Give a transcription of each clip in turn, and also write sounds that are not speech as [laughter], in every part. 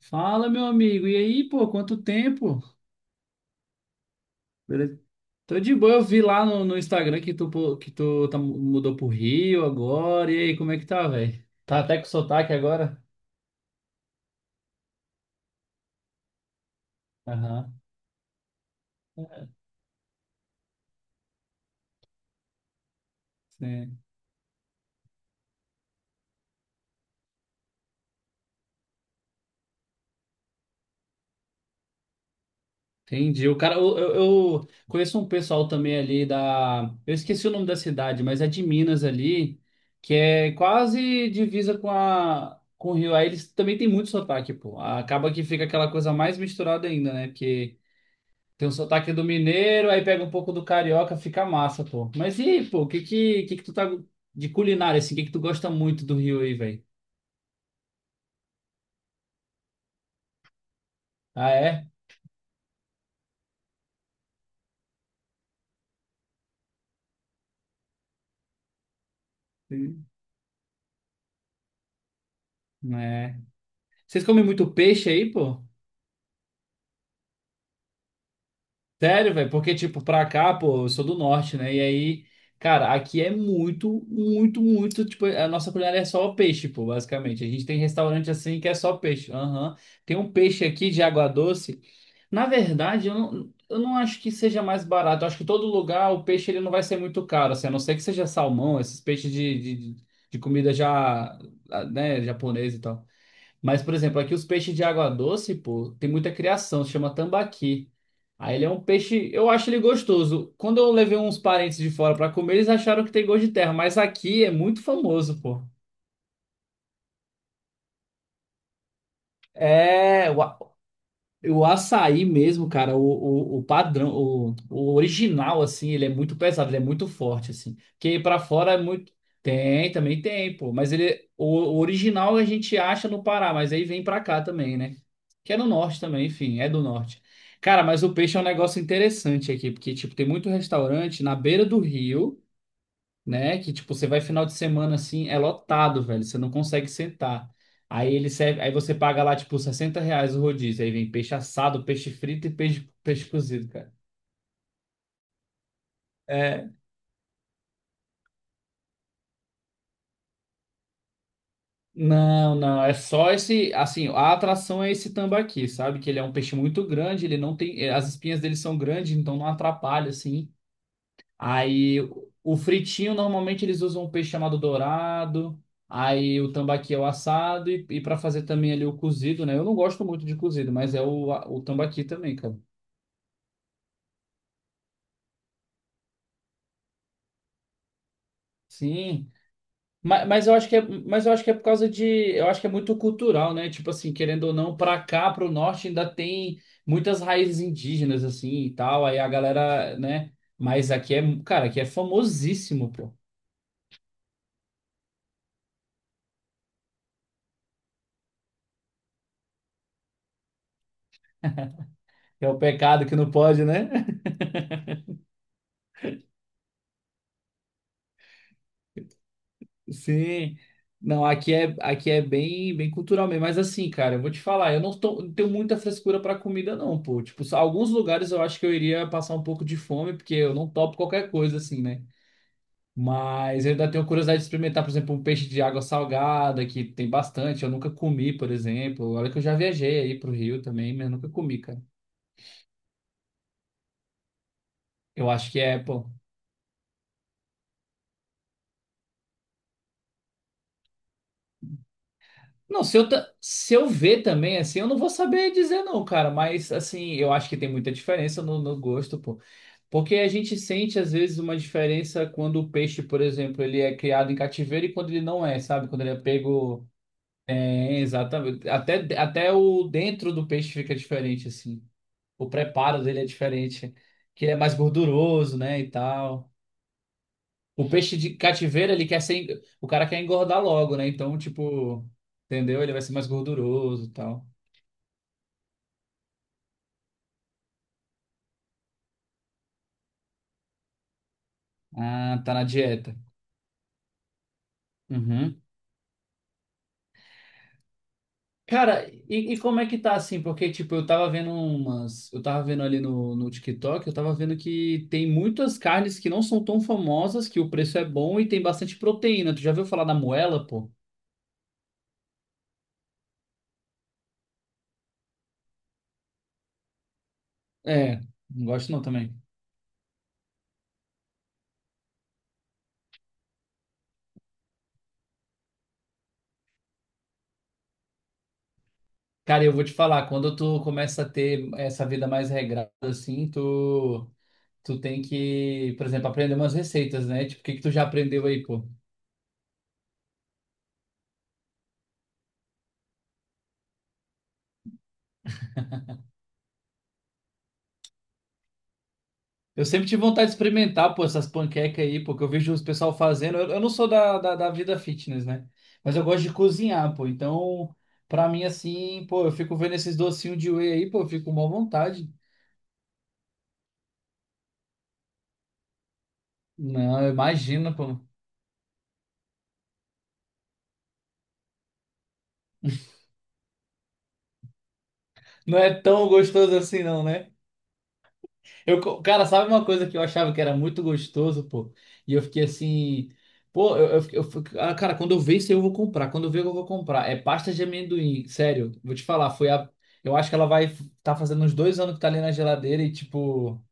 Fala, meu amigo. E aí, pô, quanto tempo? Beleza? Tô de boa, eu vi lá no Instagram que tu tá, mudou pro Rio agora. E aí, como é que tá, velho? Tá até com sotaque agora? Aham, sim. Entendi. O cara, eu conheço um pessoal também ali da. Eu esqueci o nome da cidade, mas é de Minas ali, que é quase divisa com o Rio. Aí eles também têm muito sotaque, pô. Acaba que fica aquela coisa mais misturada ainda, né? Porque. Tem um sotaque do mineiro, aí pega um pouco do carioca, fica massa, pô. Mas e aí, pô, o que que tu tá de culinária, assim? O que que tu gosta muito do Rio aí, velho? Ah, é? Sim. É. Vocês comem muito peixe aí, pô? Sério, velho? Porque, tipo, pra cá, pô, eu sou do norte, né? E aí, cara, aqui é muito, muito, muito, tipo, a nossa culinária é só peixe, pô, basicamente. A gente tem restaurante assim que é só peixe. Aham. Tem um peixe aqui de água doce. Na verdade, eu não acho que seja mais barato. Eu acho que todo lugar o peixe ele não vai ser muito caro, assim, a não ser que seja salmão, esses peixes de comida já, ah, né, japonês e tal. Mas, por exemplo, aqui os peixes de água doce, pô, tem muita criação, se chama tambaqui. Aí ele é um peixe, eu acho ele gostoso. Quando eu levei uns parentes de fora pra comer, eles acharam que tem gosto de terra, mas aqui é muito famoso, pô. É, o O açaí mesmo, cara, o padrão, o original, assim, ele é muito pesado, ele é muito forte, assim. Que pra fora é muito. Tem, também tem, pô. Mas ele, o original a gente acha no Pará, mas aí vem pra cá também, né? Que é no norte também, enfim, é do norte. Cara, mas o peixe é um negócio interessante aqui, porque, tipo, tem muito restaurante na beira do rio, né? Que tipo, você vai final de semana assim, é lotado, velho. Você não consegue sentar. Aí ele serve, aí você paga lá, tipo, 60 reais o rodízio. Aí vem peixe assado, peixe frito e peixe cozido, cara. É, não, não, é só esse, assim, a atração é esse tambaqui, sabe? Que ele é um peixe muito grande, ele não tem, as espinhas dele são grandes, então não atrapalha, assim. Aí o fritinho, normalmente eles usam um peixe chamado dourado. Aí o tambaqui é o assado. E para fazer também ali o cozido, né? Eu não gosto muito de cozido, mas é o tambaqui também, cara. Sim. Mas eu acho que é por causa de. Eu acho que é muito cultural, né? Tipo assim, querendo ou não, pra cá, pro norte, ainda tem muitas raízes indígenas, assim e tal. Aí a galera, né? Mas aqui é. Cara, aqui é famosíssimo, pô. É o pecado que não pode, né? Sim. Não, aqui é bem, bem cultural mesmo. Mas assim, cara, eu vou te falar, eu não tô- não tenho muita frescura pra comida, não, pô. Tipo, só alguns lugares eu acho que eu iria passar um pouco de fome, porque eu não topo qualquer coisa, assim, né? Mas eu ainda tenho curiosidade de experimentar, por exemplo, um peixe de água salgada, que tem bastante. Eu nunca comi, por exemplo. Olha que eu já viajei aí pro Rio também, mas nunca comi, cara. Eu acho que é, pô. Não, se eu ver também, assim, eu não vou saber dizer, não, cara. Mas, assim, eu acho que tem muita diferença no gosto, pô. Porque a gente sente, às vezes, uma diferença quando o peixe, por exemplo, ele é criado em cativeiro e quando ele não é, sabe? Quando ele é pego. É, exatamente. Até o dentro do peixe fica diferente, assim. O preparo dele é diferente. Que ele é mais gorduroso, né? E tal. O peixe de cativeiro, ele quer ser. O cara quer engordar logo, né? Então, tipo. Entendeu? Ele vai ser mais gorduroso e tal. Ah, tá na dieta. Uhum. Cara, e como é que tá assim? Porque, tipo, eu tava vendo umas. Eu tava vendo ali no TikTok, eu tava vendo que tem muitas carnes que não são tão famosas, que o preço é bom e tem bastante proteína. Tu já viu falar da moela, pô? É, não gosto não também. Cara, eu vou te falar, quando tu começa a ter essa vida mais regrada, assim, tu tem que, por exemplo, aprender umas receitas, né? Tipo, o que que tu já aprendeu aí, pô? Eu sempre tive vontade de experimentar, pô, essas panquecas aí, pô, que eu vejo os pessoal fazendo. Eu não sou da vida fitness, né? Mas eu gosto de cozinhar, pô. Então, pra mim, assim, pô, eu fico vendo esses docinhos de whey aí, pô, eu fico com má vontade. Não, imagina, pô. Não é tão gostoso assim, não, né? Cara, sabe uma coisa que eu achava que era muito gostoso, pô? E eu fiquei assim, pô. Ah, cara, quando eu ver isso aí eu vou comprar, quando eu ver eu vou comprar. É pasta de amendoim, sério, vou te falar, foi a. Eu acho que ela vai tá fazendo uns 2 anos que tá ali na geladeira e, tipo,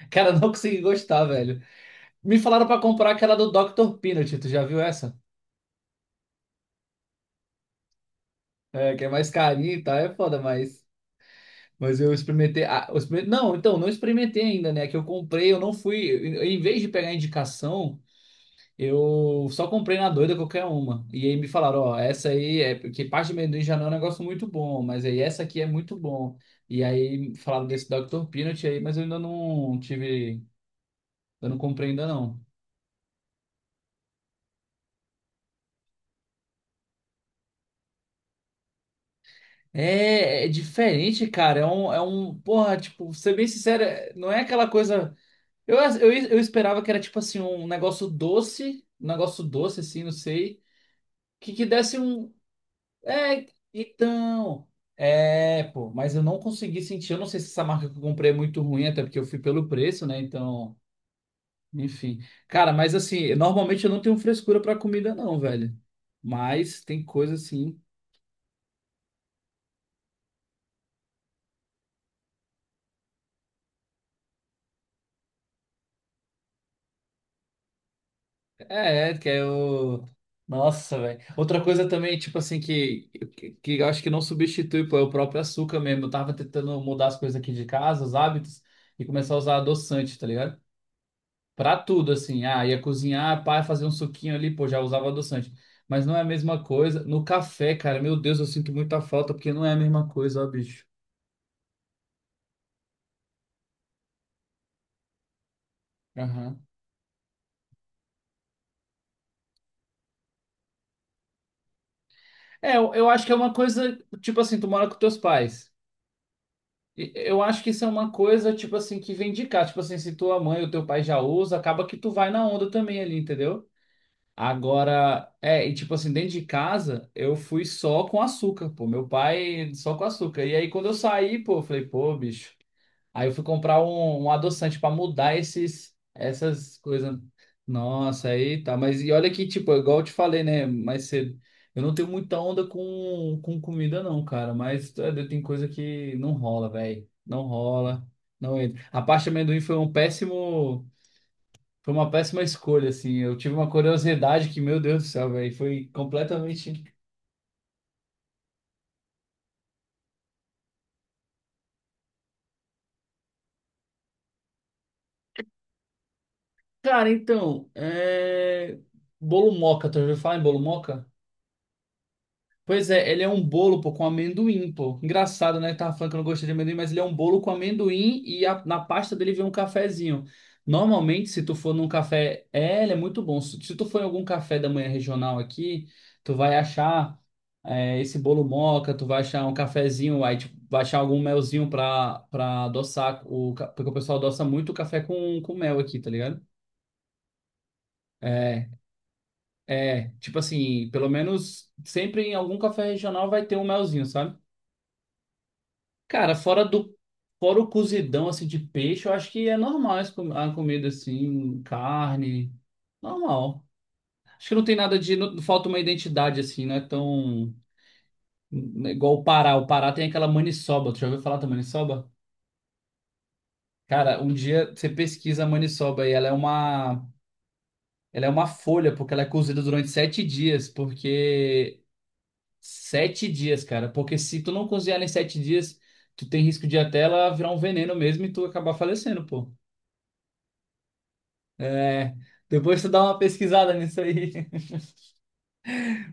[laughs] cara, eu não consegui gostar, velho. Me falaram pra comprar aquela do Dr. Peanut, tu já viu essa? É, que é mais carinha e tal, é foda, mas. Mas eu experimentei. Não, então, não experimentei ainda, né? Que eu comprei, eu não fui. Em vez de pegar indicação. Eu só comprei na doida qualquer uma. E aí me falaram, ó, essa aí é porque parte de amendoim já não é um negócio muito bom, mas aí essa aqui é muito bom. E aí falaram desse Dr. Peanut aí, mas eu ainda não tive, eu não comprei ainda não. É, é diferente, cara. É um, porra, tipo, ser bem sincero, não é aquela coisa. Eu esperava que era tipo assim, um negócio doce assim, não sei, que desse um, É, então. É, pô, mas eu não consegui sentir. Eu não sei se essa marca que eu comprei é muito ruim, até porque eu fui pelo preço, né? Então, enfim. Cara, mas assim, normalmente eu não tenho frescura pra comida, não, velho. Mas tem coisa assim. É, que é o. Nossa, velho. Outra coisa também, tipo assim, que, que eu acho que não substitui, pô, é o próprio açúcar mesmo. Eu tava tentando mudar as coisas aqui de casa, os hábitos, e começar a usar adoçante, tá ligado? Pra tudo, assim. Ah, ia cozinhar, pá, fazer um suquinho ali, pô, já usava adoçante. Mas não é a mesma coisa. No café, cara, meu Deus, eu sinto muita falta, porque não é a mesma coisa, ó, bicho. Aham. É, eu acho que é uma coisa, tipo assim, tu mora com teus pais. E eu acho que isso é uma coisa, tipo assim, que vem de cá. Tipo assim, se tua mãe ou teu pai já usa, acaba que tu vai na onda também ali, entendeu? Agora, é, e tipo assim, dentro de casa, eu fui só com açúcar, pô. Meu pai só com açúcar. E aí, quando eu saí, pô, eu falei, pô, bicho. Aí eu fui comprar um adoçante para mudar esses, essas coisas. Nossa, aí tá. Mas e olha que, tipo, é igual eu te falei, né? Mais cedo. Eu não tenho muita onda com comida, não, cara. Mas tá, tem coisa que não rola, velho. Não rola. Não entra. A parte de amendoim foi um péssimo. Foi uma péssima escolha, assim. Eu tive uma curiosidade que, meu Deus do céu, velho. Foi completamente. Cara, então. É... Bolo moca, tu já ouviu falar em bolo moca? Pois é, ele é um bolo, pô, com amendoim, pô. Engraçado, né? Tava falando que eu não gostei de amendoim, mas ele é um bolo com amendoim e na pasta dele vem um cafezinho. Normalmente, se tu for num café, é, ele é muito bom. Se tu for em algum café da manhã regional aqui, tu vai achar é, esse bolo moca, tu vai achar um cafezinho, aí tipo, vai achar algum melzinho pra adoçar, porque o pessoal adoça muito o café com mel aqui, tá ligado? É, é, tipo assim, pelo menos sempre em algum café regional vai ter um melzinho, sabe? Cara, fora o cozidão assim de peixe, eu acho que é normal esse a comida assim, carne, normal. Acho que não tem nada de não, falta uma identidade assim, não é igual o Pará. O Pará tem aquela maniçoba. Tu já ouviu falar da maniçoba? Cara, um dia você pesquisa a maniçoba e ela é uma folha porque ela é cozida durante 7 dias, porque 7 dias, cara, porque se tu não cozinhar em 7 dias, tu tem risco de até ela virar um veneno mesmo e tu acabar falecendo, pô. É, depois tu dá uma pesquisada nisso aí. [laughs]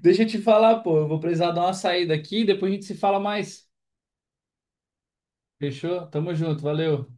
Deixa eu te falar, pô, eu vou precisar dar uma saída aqui, depois a gente se fala mais. Fechou? Tamo junto, valeu.